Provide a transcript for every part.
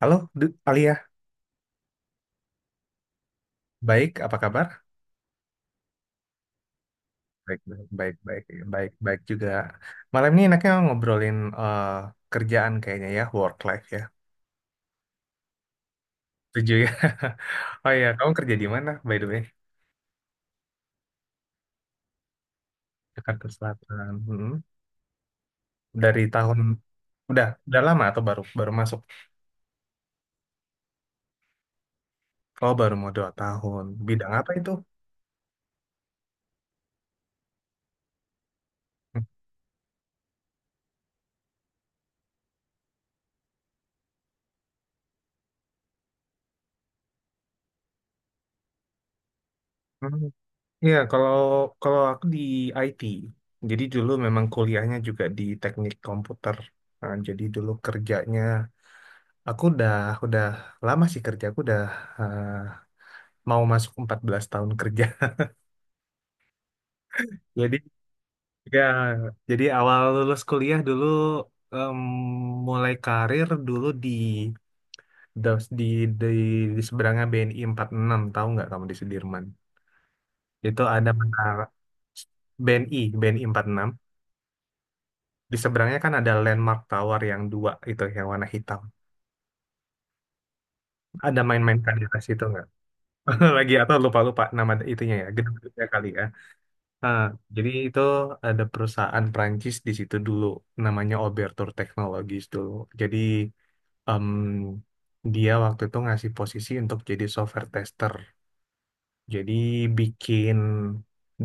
Halo, Alia. Baik, apa kabar? Baik, baik, baik, baik, baik, baik juga. Malam ini enaknya ngobrolin kerjaan kayaknya ya, work life ya. Setuju ya? Oh iya, kamu kerja di mana, by the way? Jakarta Selatan. Mm-mm. Dari tahun, udah lama atau baru baru masuk? Oh, baru mau 2 tahun. Bidang apa itu? Hmm. Iya, kalau kalau aku di IT, jadi dulu memang kuliahnya juga di teknik komputer. Nah, jadi dulu Aku udah lama sih kerja, eh, mau masuk 14 tahun kerja. Jadi ya, jadi awal lulus kuliah dulu em, mulai karir dulu di di di di, di seberangnya BNI 6, tahu nggak kamu di Sudirman? Itu ada menara BNI 6. Di seberangnya kan ada Landmark Tower yang dua itu yang warna hitam. Ada main-main kan di atas itu nggak? Lagi atau lupa-lupa nama itunya ya, gedungnya kali ya. Nah, jadi itu ada perusahaan Prancis di situ dulu, namanya Obertur Technologies dulu. Jadi em, dia waktu itu ngasih posisi untuk jadi software tester. Jadi bikin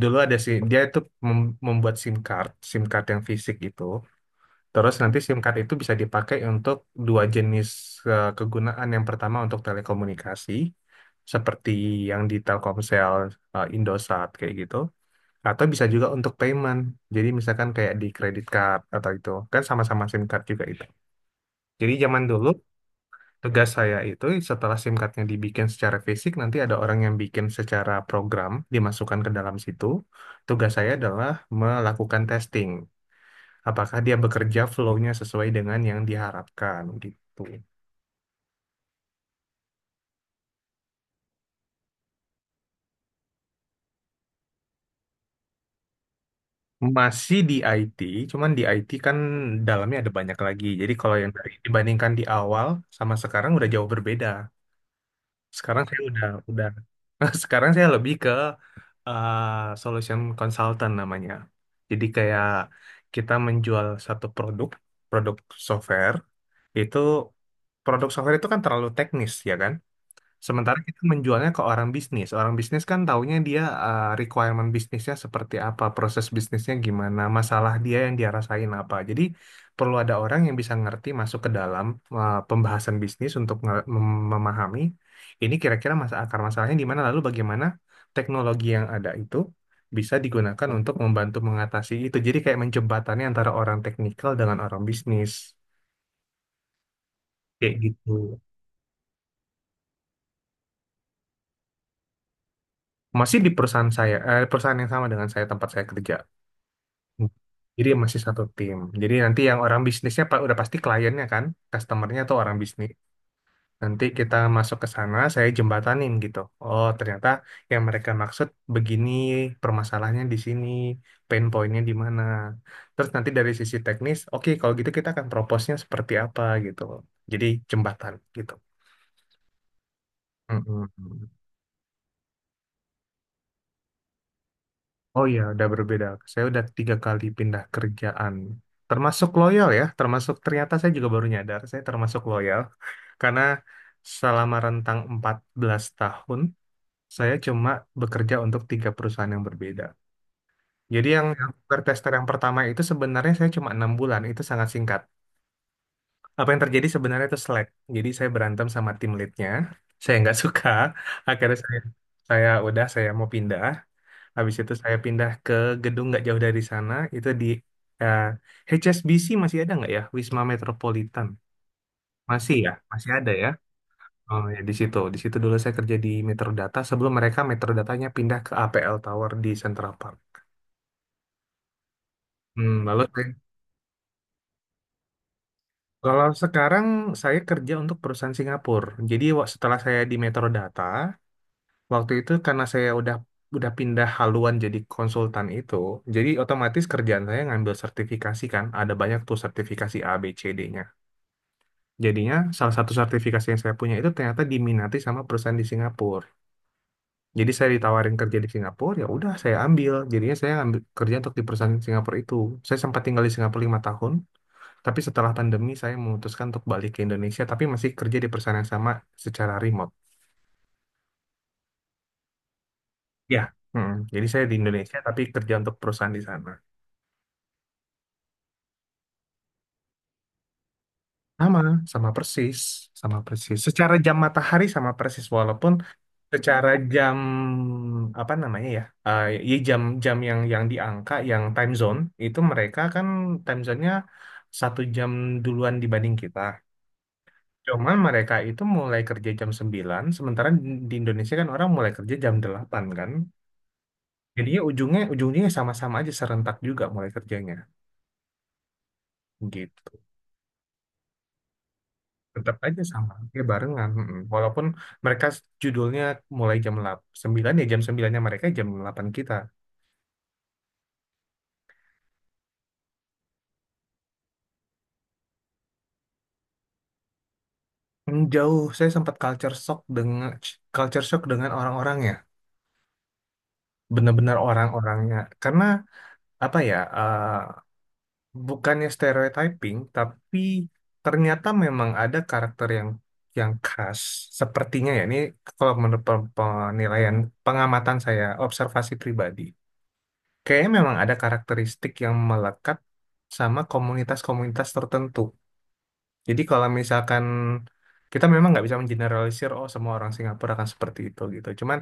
dulu ada sih dia itu membuat SIM card yang fisik gitu. Terus nanti SIM card itu bisa dipakai untuk dua jenis kegunaan. Yang pertama untuk telekomunikasi, seperti yang di Telkomsel, eh, Indosat kayak gitu. Atau bisa juga untuk payment. Jadi misalkan kayak di credit card atau itu. Kan sama-sama SIM card juga itu. Jadi zaman dulu tugas saya itu setelah SIM cardnya dibikin secara fisik, nanti ada orang yang bikin secara program, dimasukkan ke dalam situ. Tugas saya adalah melakukan testing. Apakah dia bekerja flow-nya sesuai dengan yang diharapkan gitu. Masih di IT, cuman di IT kan dalamnya ada banyak lagi. Jadi kalau yang dari dibandingkan di awal sama sekarang udah jauh berbeda. Sekarang saya udah. Sekarang saya lebih ke solution consultant namanya. Jadi kayak kita menjual satu produk, produk software. Itu produk software itu kan terlalu teknis ya kan? Sementara kita menjualnya ke orang bisnis. Orang bisnis kan taunya dia requirement bisnisnya seperti apa, proses bisnisnya gimana, masalah dia yang dia rasain apa. Jadi perlu ada orang yang bisa ngerti masuk ke dalam pembahasan bisnis untuk memahami ini kira-kira masa akar masalahnya di mana, lalu bagaimana teknologi yang ada itu bisa digunakan untuk membantu mengatasi itu. Jadi kayak menjembatani antara orang teknikal dengan orang bisnis. Kayak gitu. Masih di perusahaan saya, eh, perusahaan yang sama dengan saya tempat saya kerja. Jadi masih satu tim. Jadi nanti yang orang bisnisnya udah pasti kliennya kan, customernya tuh orang bisnis. Nanti kita masuk ke sana, saya jembatanin gitu. Oh, ternyata yang mereka maksud begini, permasalahannya di sini, pain pointnya di mana. Terus nanti dari sisi teknis, oke kalau gitu kita akan propose-nya seperti apa gitu. Jadi jembatan gitu. Mm-mm. Oh iya, udah berbeda. Saya udah tiga kali pindah kerjaan. Termasuk loyal ya, termasuk ternyata saya juga baru nyadar, saya termasuk loyal. Karena selama rentang 14 tahun, saya cuma bekerja untuk tiga perusahaan yang berbeda. Jadi yang software tester yang pertama itu sebenarnya saya cuma 6 bulan, itu sangat singkat. Apa yang terjadi sebenarnya itu slack. Jadi saya berantem sama tim leadnya, saya nggak suka. Akhirnya saya udah, saya mau pindah. Habis itu saya pindah ke gedung nggak jauh dari sana, itu di eh, HSBC masih ada nggak ya? Wisma Metropolitan. Masih ya? Masih ada ya? Oh ya di situ. Di situ dulu saya kerja di Metrodata sebelum mereka Metrodatanya pindah ke APL Tower di Central Park. Hmm, lalu kalau sekarang saya kerja untuk perusahaan Singapura. Jadi setelah saya di Metrodata, waktu itu karena saya udah pindah haluan jadi konsultan itu, jadi otomatis kerjaan saya ngambil sertifikasi kan, ada banyak tuh sertifikasi A, B, C, D-nya. Jadinya salah satu sertifikasi yang saya punya itu ternyata diminati sama perusahaan di Singapura. Jadi saya ditawarin kerja di Singapura, ya udah saya ambil. Jadinya saya ambil kerja untuk di perusahaan Singapura itu. Saya sempat tinggal di Singapura 5 tahun, tapi setelah pandemi saya memutuskan untuk balik ke Indonesia, tapi masih kerja di perusahaan yang sama secara remote. Ya, jadi saya di Indonesia tapi kerja untuk perusahaan di sana. Sama, sama persis, sama persis. Secara jam matahari sama persis, walaupun secara jam apa namanya ya, ya jam jam yang di angka, yang time zone itu mereka kan time zone-nya 1 jam duluan dibanding kita. Cuman mereka itu mulai kerja jam 9 sementara di Indonesia kan orang mulai kerja jam 8 kan. Jadinya ujungnya ujungnya sama-sama aja serentak juga mulai kerjanya gitu. Tetap aja sama ya barengan walaupun mereka judulnya mulai jam 9 ya jam 9-nya mereka jam 8 kita. Jauh saya sempat culture shock dengan orang-orangnya benar-benar orang-orangnya karena apa ya bukannya stereotyping tapi ternyata memang ada karakter yang khas sepertinya ya ini kalau menurut penilaian pengamatan saya observasi pribadi. Kayaknya memang ada karakteristik yang melekat sama komunitas-komunitas tertentu. Jadi kalau misalkan kita memang nggak bisa mengeneralisir, oh semua orang Singapura akan seperti itu gitu. Cuman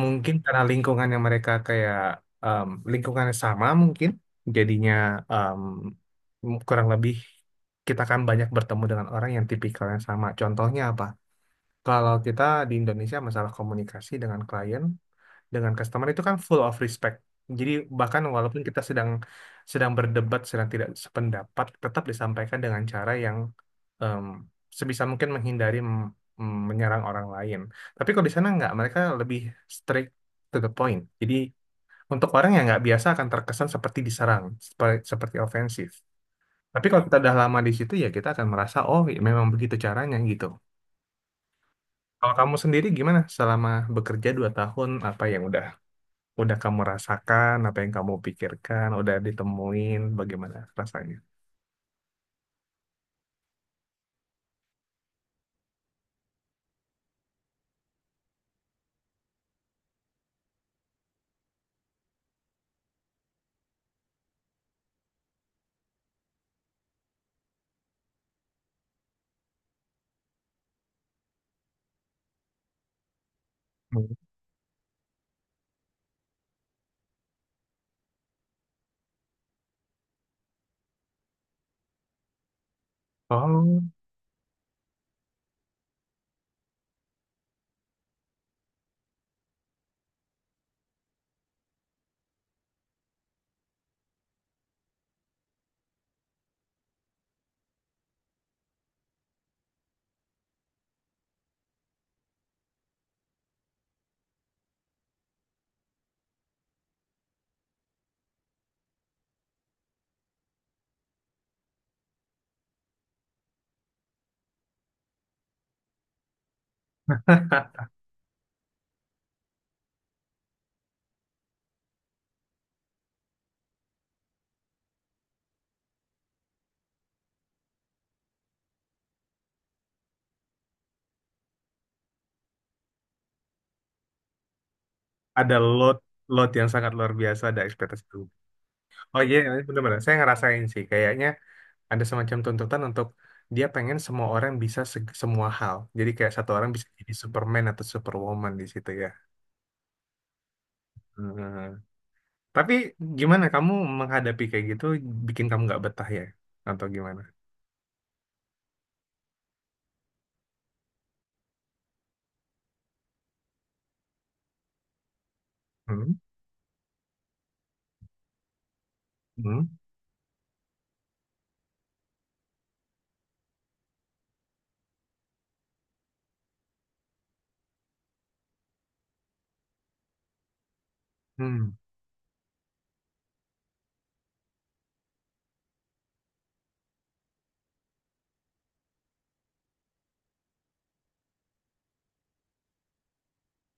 mungkin karena lingkungan yang mereka kayak lingkungannya sama mungkin jadinya kurang lebih kita akan banyak bertemu dengan orang yang tipikalnya sama. Contohnya apa? Kalau kita di Indonesia masalah komunikasi dengan klien dengan customer itu kan full of respect. Jadi bahkan walaupun kita sedang sedang berdebat, sedang tidak sependapat, tetap disampaikan dengan cara yang em, sebisa mungkin menghindari menyerang orang lain. Tapi kalau di sana nggak, mereka lebih strict to the point. Jadi untuk orang yang nggak biasa akan terkesan seperti diserang, seperti ofensif. Tapi kalau kita udah lama di situ ya kita akan merasa oh ya memang begitu caranya gitu. Kalau kamu sendiri gimana selama bekerja 2 tahun apa yang udah kamu rasakan, apa yang kamu pikirkan, udah ditemuin, bagaimana rasanya? Hmm. Oh, ada load load yang sangat luar biasa ada ekspektasi dulu. Oh iya, benar-benar. Saya ngerasain sih, kayaknya ada semacam tuntutan untuk dia pengen semua orang bisa semua hal. Jadi kayak satu orang bisa jadi Superman atau Superwoman di situ ya. Hmm. Tapi gimana kamu menghadapi kayak gitu, bikin kamu nggak betah ya? Atau gimana? Hmm? Hmm? Hmm?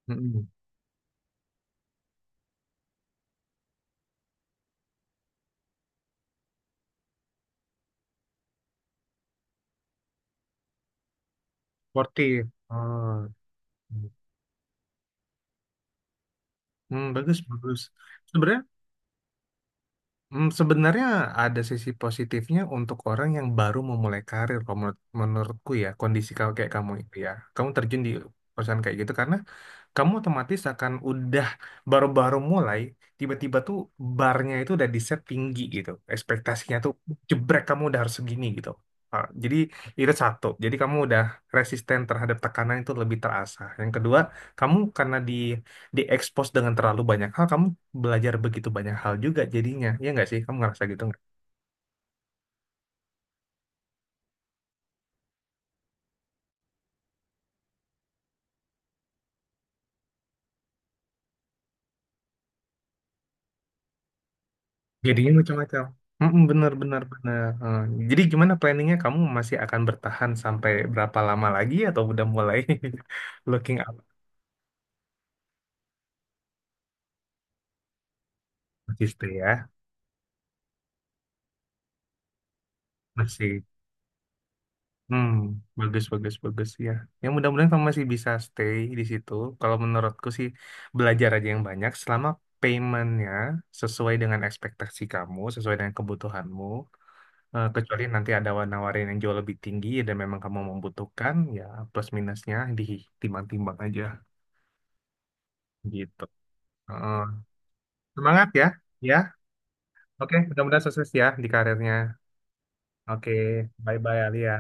Hmm? Sportif. Oh. Hmm, bagus, bagus. Sebenarnya, sebenarnya, ada sisi positifnya untuk orang yang baru memulai karir, kalau menurutku ya, kondisi kalau kayak kamu itu ya. Kamu terjun di perusahaan kayak gitu karena kamu otomatis akan udah baru-baru mulai tiba-tiba tuh barnya itu udah di set tinggi gitu ekspektasinya tuh jebrek kamu udah harus segini gitu. Ah, jadi itu satu jadi kamu udah resisten terhadap tekanan itu lebih terasa yang kedua kamu karena diekspos dengan terlalu banyak hal kamu belajar begitu banyak hal juga jadinya ya nggak sih kamu ngerasa gitu. Jadinya macam-macam. Mm-mm, bener, bener, bener. Eh, jadi gimana planningnya? Kamu masih akan bertahan sampai berapa lama lagi atau udah mulai looking up masih stay ya? Masih. Hmm, bagus, bagus, bagus ya. Ya mudah-mudahan kamu masih bisa stay di situ. Kalau menurutku sih belajar aja yang banyak. Selama paymentnya sesuai dengan ekspektasi kamu, sesuai dengan kebutuhanmu. Eh, kecuali nanti ada nawarin yang jauh lebih tinggi dan memang kamu membutuhkan, ya plus minusnya ditimbang-timbang aja. Gitu. Heeh. Semangat ya. Ya. Oke, mudah-mudahan sukses ya di karirnya. Oke, bye-bye Alia.